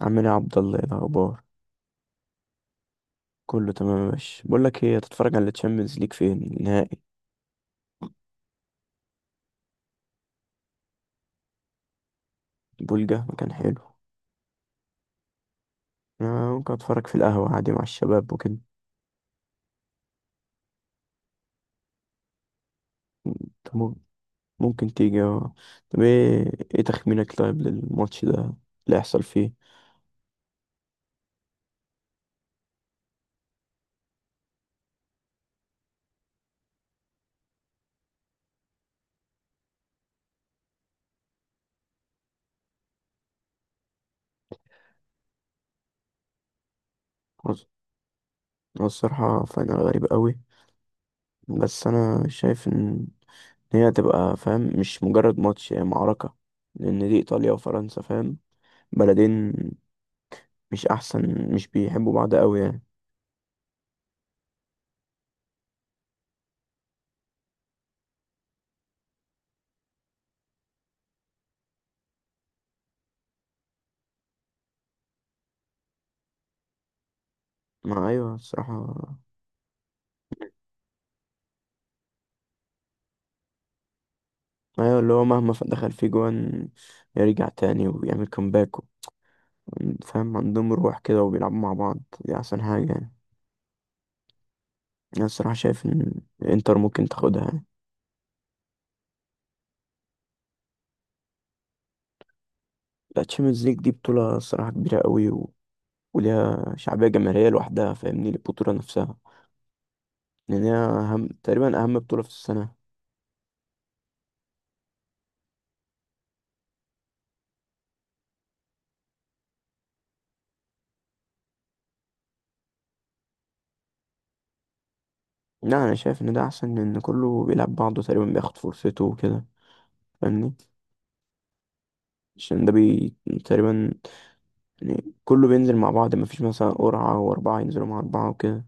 عامل ايه يا عبد الله؟ ايه الاخبار؟ كله تمام يا باشا. بقول لك ايه، هتتفرج على الشامبيونز ليج؟ فين النهائي؟ بولجا مكان حلو. آه، ممكن اتفرج في القهوه عادي مع الشباب وكده. أنت ممكن تيجي، اه. طب ايه تخمينك طيب للماتش ده اللي هيحصل فيه؟ هو هو الصراحه فاينل غريب قوي، بس انا شايف ان هي هتبقى، فاهم، مش مجرد ماتش، هي معركه. لان دي ايطاليا وفرنسا، فاهم، بلدين. مش احسن، مش بيحبوا بعض قوي يعني. ما ايوه الصراحه. ايوه، اللي هو مهما دخل فيه جوان يرجع تاني ويعمل كومباك. فاهم، عندهم روح كده وبيلعبوا مع بعض، دي احسن حاجة يعني. انا الصراحة شايف ان انتر ممكن تاخدها يعني. لا، تشامpiونز ليج دي بطولة الصراحة كبيرة قوي وليها شعبية جماهيرية لوحدها، فاهمني، البطولة نفسها. لان هي اهم تقريبا، اهم بطولة في السنة. لا، انا شايف ان ده احسن لان كله بيلعب بعضه تقريبا، بياخد فرصته وكده. فاهمني، عشان ده بي تقريبا، يعني كله بينزل مع بعض، مفيش مثلا قرعة وأربعة ينزلوا مع أربعة وكده.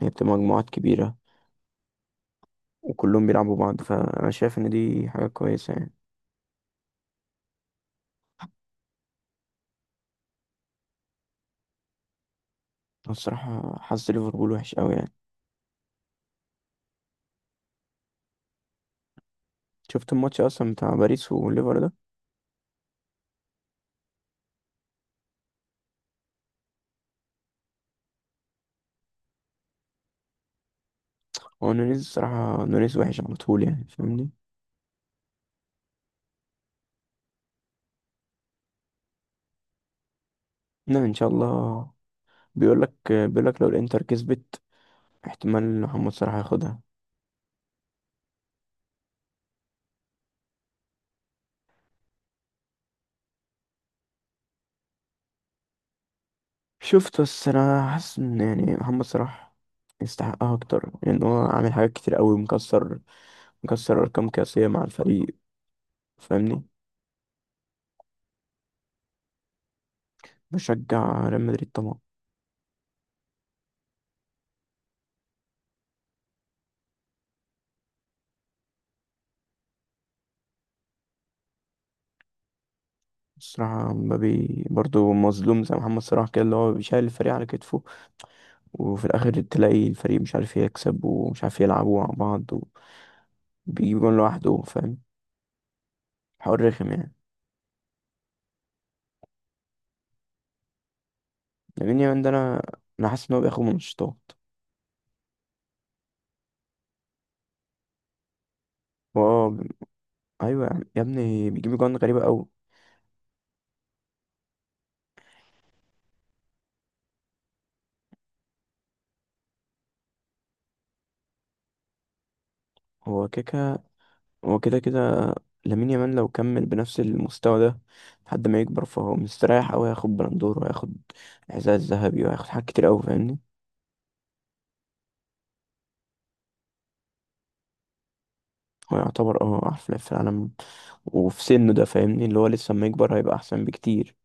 هي بتبقى مجموعات كبيرة وكلهم بيلعبوا بعض، فأنا شايف إن دي حاجة كويسة يعني. أنا الصراحة حظ ليفربول وحش أوي يعني. شفت الماتش أصلا بتاع باريس والليفر ده؟ هو نونيز الصراحة، نونيز وحش على طول يعني، فاهمني. لا، إن شاء الله. بيقولك بيقولك لو الإنتر كسبت احتمال محمد صلاح ياخدها. شفت؟ بس أنا حاسس إن يعني محمد صلاح يستحقها أكتر، لأن هو عامل حاجات كتير أوي. مكسر أرقام قياسية مع الفريق، فاهمني. بشجع ريال مدريد طبعا. الصراحة مبابي برضو مظلوم زي محمد صلاح كده، اللي هو بيشيل الفريق على كتفه، وفي الآخر تلاقي الفريق مش عارف يكسب ومش عارف يلعبوا مع بعض، وبيجيب جون لوحده. فاهم، حوار رخم يعني. لامين يامال ده أنا حاسس إن هو بياخد منشطات. هو آه أيوة يا ابني، بيجيب جون غريبة أوي. هو كيكا، هو كده كده. لامين يامال لو كمل بنفس المستوى ده لحد ما يكبر، فهو مستريح أوي، هياخد بلندور وهياخد إعزاز ذهبي وهياخد حاجات كتير أوي فاهمني. هو يعتبر أحسن لاعب في العالم وفي سنه ده، فاهمني، اللي هو لسه اما يكبر هيبقى احسن بكتير.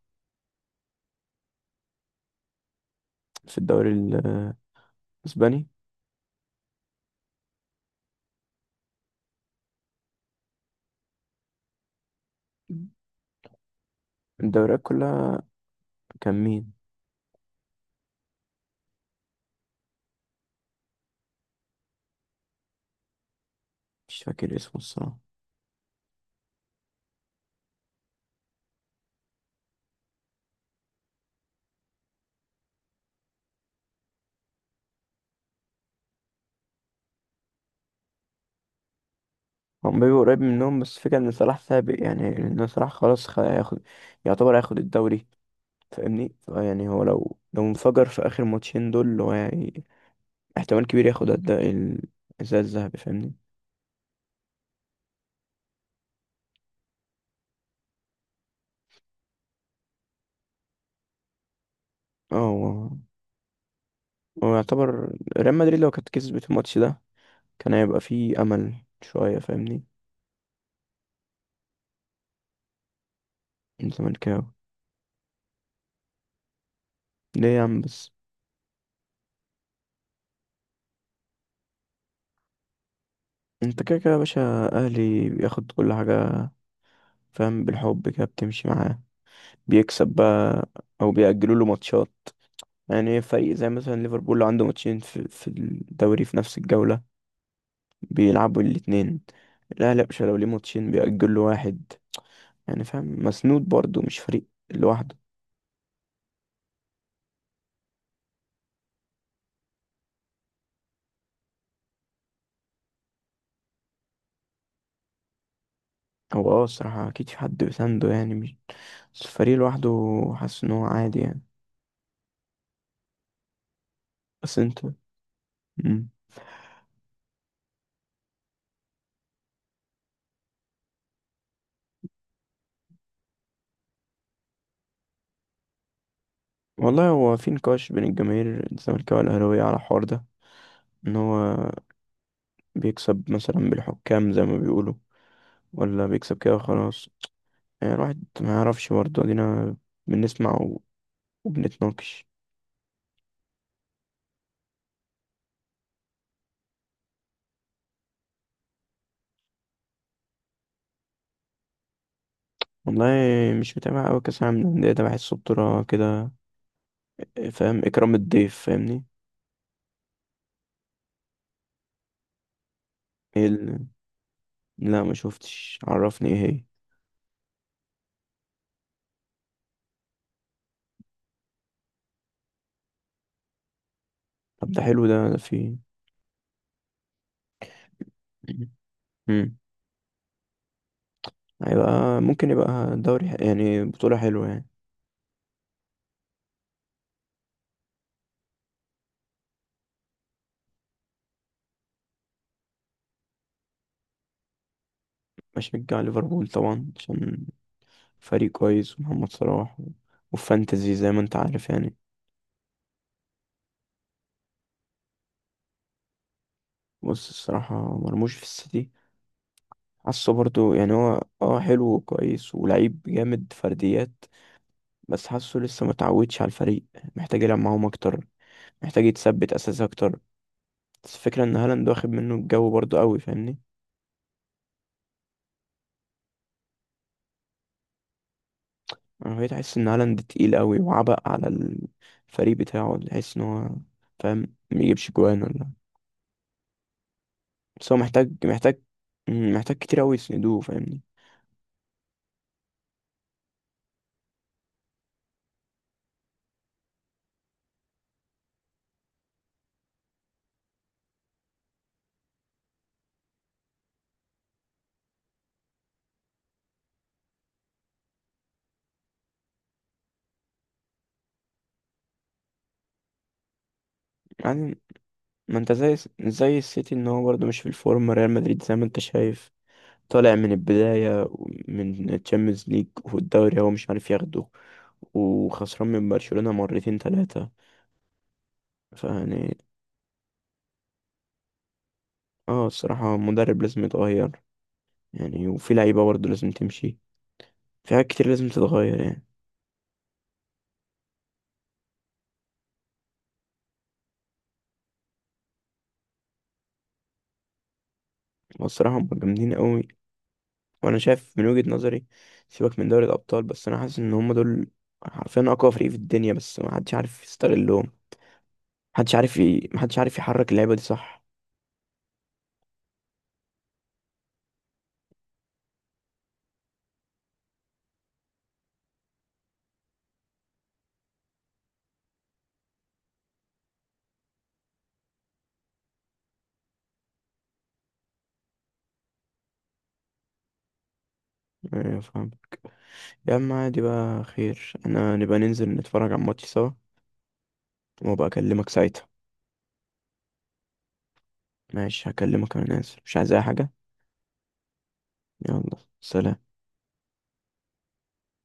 في الدوري الاسباني. الدوريات كلها. كان مين؟ مش فاكر اسمه الصراحه. هو مبابي قريب منهم، بس فكرة ان صلاح سابق يعني. لان صلاح خلاص هياخد، يعتبر هياخد الدوري فاهمني. يعني هو لو انفجر في اخر ماتشين دول، هو احتمال كبير ياخد الحذاء الذهبي فاهمني. اه هو يعتبر ريال مدريد لو كانت كسبت الماتش ده كان هيبقى فيه امل شويه فاهمني. من زمان. ليه يا عم بس؟ انت كده كده يا باشا، اهلي بياخد كل حاجة. فاهم، بالحب كده بتمشي معاه، بيكسب بقى او بيأجلوا له ماتشات. يعني فريق زي مثلا ليفربول لو عنده ماتشين في الدوري في نفس الجولة، بيلعبوا الاتنين. الاهلي يا باشا لو ليه ماتشين بيأجل له واحد. يعني فاهم، مسنود برضه، مش فريق لوحده. هو اه الصراحة اكيد في حد بيسنده يعني، مش بس الفريق لوحده. حاسس ان هو عادي يعني. بس انتوا... مم. والله هو في نقاش بين الجماهير الزمالكاوية والأهلاوية على الحوار ده، ان هو بيكسب مثلا بالحكام زي ما بيقولوا، ولا بيكسب كده خلاص. يعني الواحد ما يعرفش برضه، ادينا بنسمع وبنتناقش. والله مش متابع قوي كاس العالم للانديه ده، بحسه بطوله كده، فاهم، اكرام الضيف فاهمني. ايه لا ما شفتش، عرفني ايه هي. طب ده حلو، ده في... امم. هيبقى ممكن يبقى دوري يعني بطوله حلوه يعني. بشجع ليفربول طبعا عشان فريق كويس ومحمد صلاح وفانتزي زي ما انت عارف يعني. بص الصراحة مرموش في السيتي، حاسه برضو يعني هو اه حلو وكويس ولعيب جامد فرديات، بس حاسه لسه متعودش على الفريق، محتاج يلعب معاهم اكتر، محتاج يتثبت اساس اكتر. بس الفكرة ان هالاند واخد منه الجو برضو قوي فاهمني. انا بقيت احس ان هالاند تقيل قوي وعبء على الفريق بتاعه، تحس ان هو فاهم ميجيبش جوان ولا. بس هو محتاج محتاج كتير قوي يسندوه فاهمني. يعني ما انت زي السيتي ان هو برضو مش في الفورم. ريال مدريد زي ما انت شايف، طالع من البداية، من تشامبيونز ليج والدوري هو مش عارف ياخده، وخسران من برشلونة مرتين تلاتة. فيعني اه الصراحة مدرب لازم يتغير يعني، وفي لعيبة برضه لازم تمشي. في حاجات كتير لازم تتغير يعني. والصراحة هم جامدين قوي، وأنا شايف من وجهة نظري، سيبك من دوري الأبطال، بس أنا حاسس إن هم دول حرفيا أقوى فريق في الدنيا، بس محدش عارف يستغلهم. محدش عارف محدش عارف يحرك اللعيبة دي، صح. آه، فاهم. يا عم عادي بقى، خير انا نبقى ننزل نتفرج على الماتش سوا وابقى اكلمك ساعتها. ماشي هكلمك، انا نازل مش عايز اي حاجة. يلا سلام.